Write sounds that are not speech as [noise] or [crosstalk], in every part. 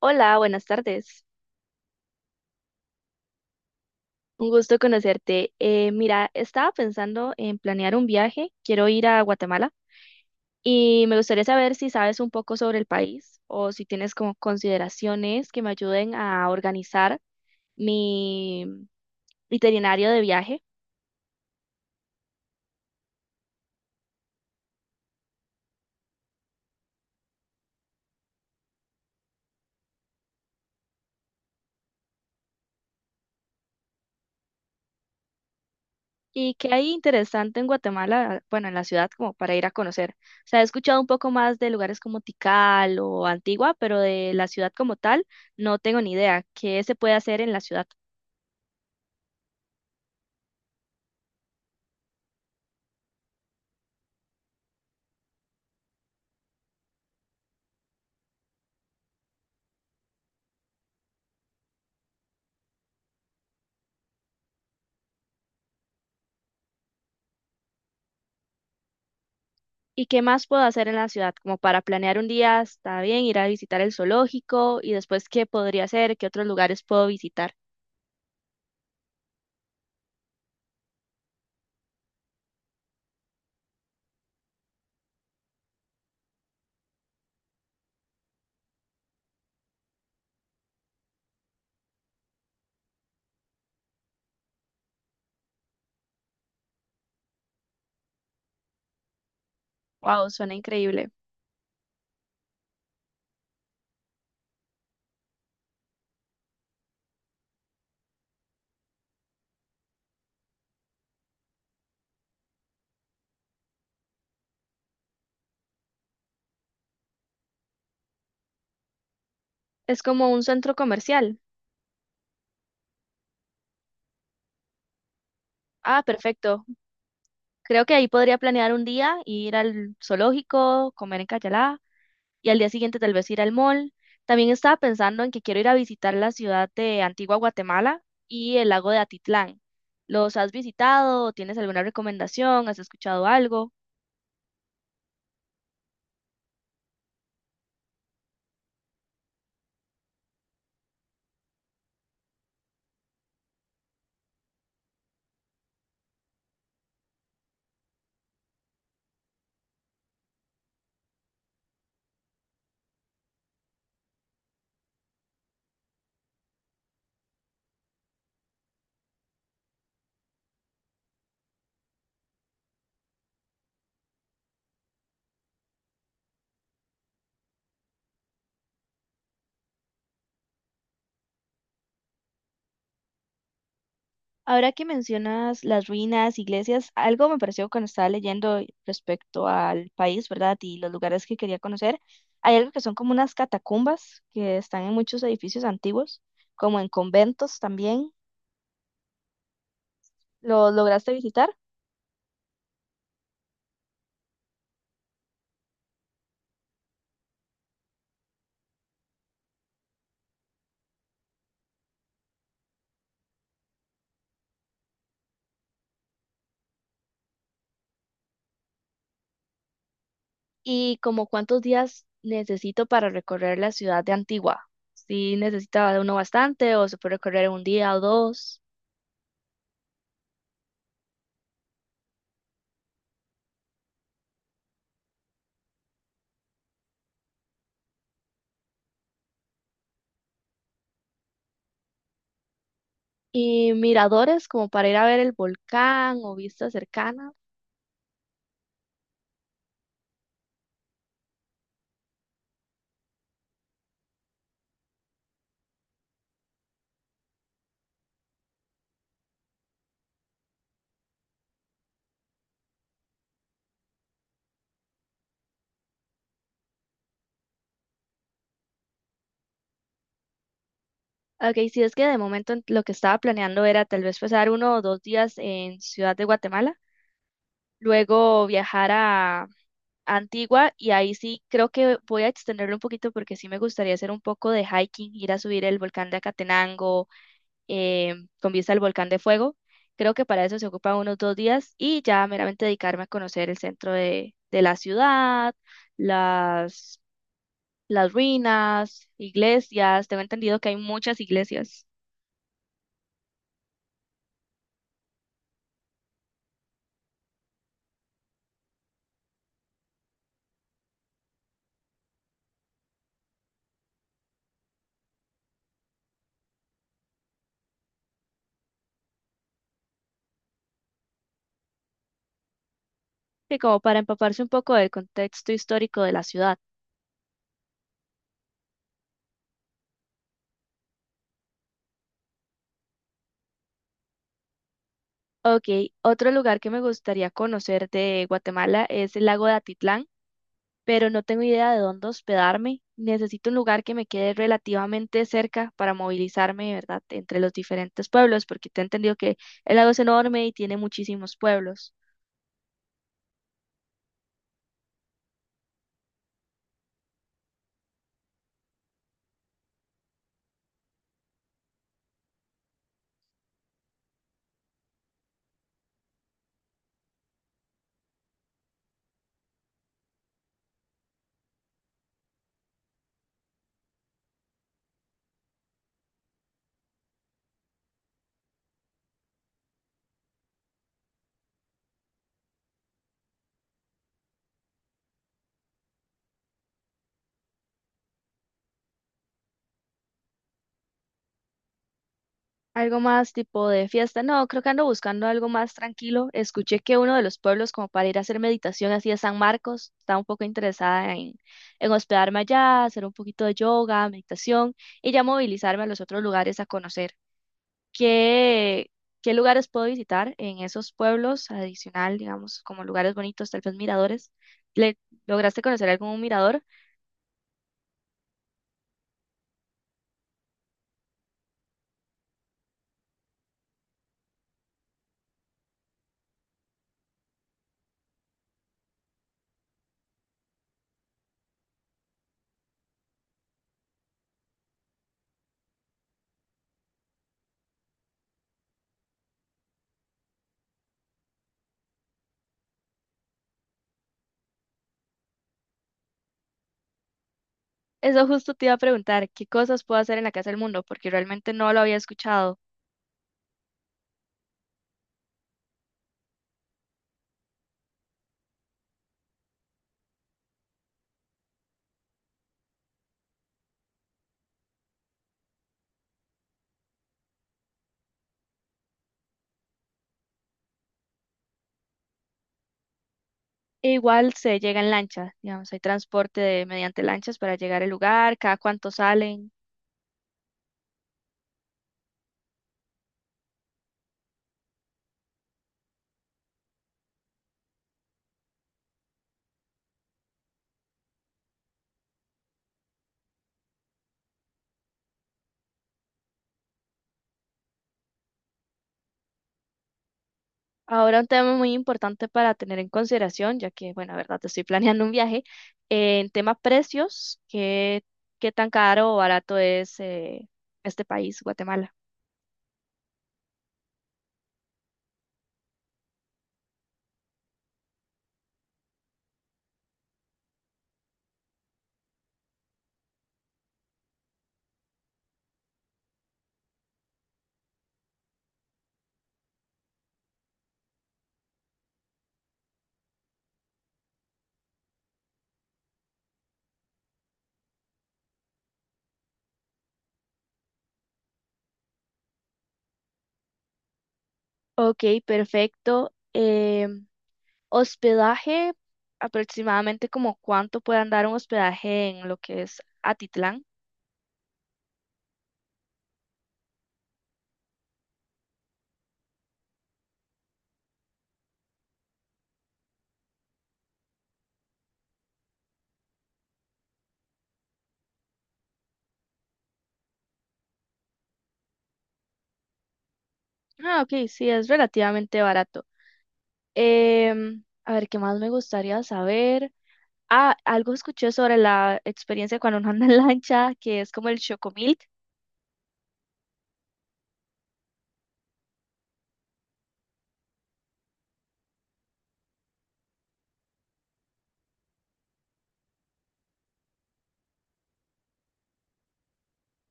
Hola, buenas tardes. Un gusto conocerte. Mira, estaba pensando en planear un viaje. Quiero ir a Guatemala y me gustaría saber si sabes un poco sobre el país o si tienes como consideraciones que me ayuden a organizar mi itinerario de viaje y qué hay interesante en Guatemala, bueno, en la ciudad como para ir a conocer. O sea, he escuchado un poco más de lugares como Tikal o Antigua, pero de la ciudad como tal no tengo ni idea. ¿Qué se puede hacer en la ciudad? ¿Y qué más puedo hacer en la ciudad? Como para planear un día, está bien, ir a visitar el zoológico y después qué podría hacer, qué otros lugares puedo visitar. Wow, suena increíble. Es como un centro comercial. Ah, perfecto. Creo que ahí podría planear un día, ir al zoológico, comer en Cayalá y al día siguiente tal vez ir al mall. También estaba pensando en que quiero ir a visitar la ciudad de Antigua Guatemala y el lago de Atitlán. ¿Los has visitado? ¿Tienes alguna recomendación? ¿Has escuchado algo? Ahora que mencionas las ruinas, iglesias, algo me pareció cuando estaba leyendo respecto al país, ¿verdad? Y los lugares que quería conocer. Hay algo que son como unas catacumbas que están en muchos edificios antiguos, como en conventos también. ¿Lo lograste visitar? ¿Y como cuántos días necesito para recorrer la ciudad de Antigua? Si necesitaba de uno bastante o se puede recorrer en un día o dos. Y miradores como para ir a ver el volcán o vistas cercanas. Ok, sí, es que de momento en- lo que estaba planeando era tal vez pasar uno o dos días en Ciudad de Guatemala, luego viajar a Antigua y ahí sí creo que voy a extenderlo un poquito porque sí me gustaría hacer un poco de hiking, ir a subir el volcán de Acatenango eh, con vista al volcán de Fuego. Creo que para eso se ocupan unos dos días y ya meramente dedicarme a conocer el centro de la ciudad, las, las ruinas, iglesias. Tengo entendido que hay muchas iglesias. Sí, como para empaparse un poco del contexto histórico de la ciudad. Ok, otro lugar que me gustaría conocer de Guatemala es el lago de Atitlán, pero no tengo idea de dónde hospedarme. Necesito un lugar que me quede relativamente cerca para movilizarme, ¿verdad?, entre los diferentes pueblos, porque te he entendido que el lago es enorme y tiene muchísimos pueblos. Algo más tipo de fiesta. No, creo que ando buscando algo más tranquilo. Escuché que uno de los pueblos como para ir a hacer meditación así es San Marcos. Estaba un poco interesada en hospedarme allá, hacer un poquito de yoga, meditación y ya movilizarme a los otros lugares a conocer. ¿Qué, ¿qué lugares puedo visitar en esos pueblos adicional, digamos, como lugares bonitos, tal vez miradores? ¿Le lograste conocer algún mirador? Eso justo te iba a preguntar, ¿qué cosas puedo hacer en la Casa del Mundo? Porque realmente no lo había escuchado. E igual se llega en lancha, digamos, hay transporte de- mediante lanchas para llegar al lugar, cada cuánto salen. Ahora un tema muy importante para tener en consideración, ya que, bueno, la verdad, estoy [laughs] planeando un viaje, en tema precios, ¿qué tan caro o barato es este país, Guatemala? Ok, perfecto. Hospedaje, aproximadamente como cuánto puede andar un hospedaje en lo que es Atitlán. Ah, ok, sí, es relativamente barato. A ver, ¿qué más me gustaría saber? Ah, algo escuché sobre la experiencia cuando uno [laughs] anda en lancha, que es como el chocomilk.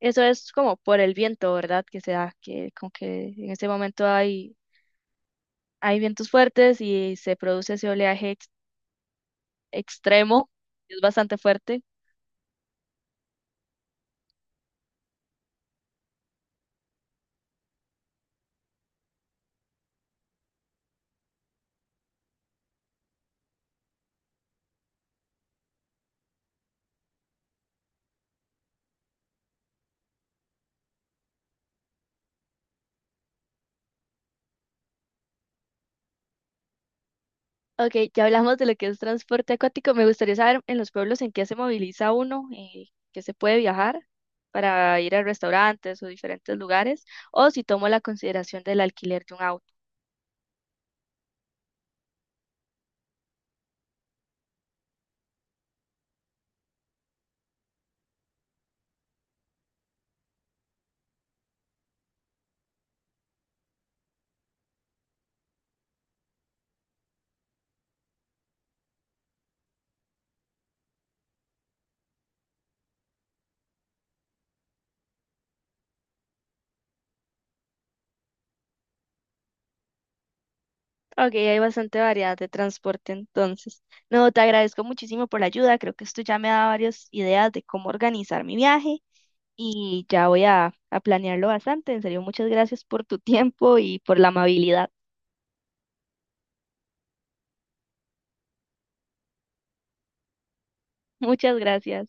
Eso es como por el viento, ¿verdad? Que se da, que como que en ese momento hay, hay vientos fuertes y se produce ese oleaje ex- extremo, es bastante fuerte. Ok, ya hablamos de lo que es transporte acuático. Me gustaría saber en los pueblos en qué se moviliza uno, que se puede viajar para ir a restaurantes o diferentes lugares, o si tomo la consideración del alquiler de un auto. Ok, hay bastante variedad de transporte entonces. No, te agradezco muchísimo por la ayuda. Creo que esto ya me da varias ideas de cómo organizar mi viaje y ya voy a planearlo bastante. En serio, muchas gracias por tu tiempo y por la amabilidad. [laughs] Muchas gracias.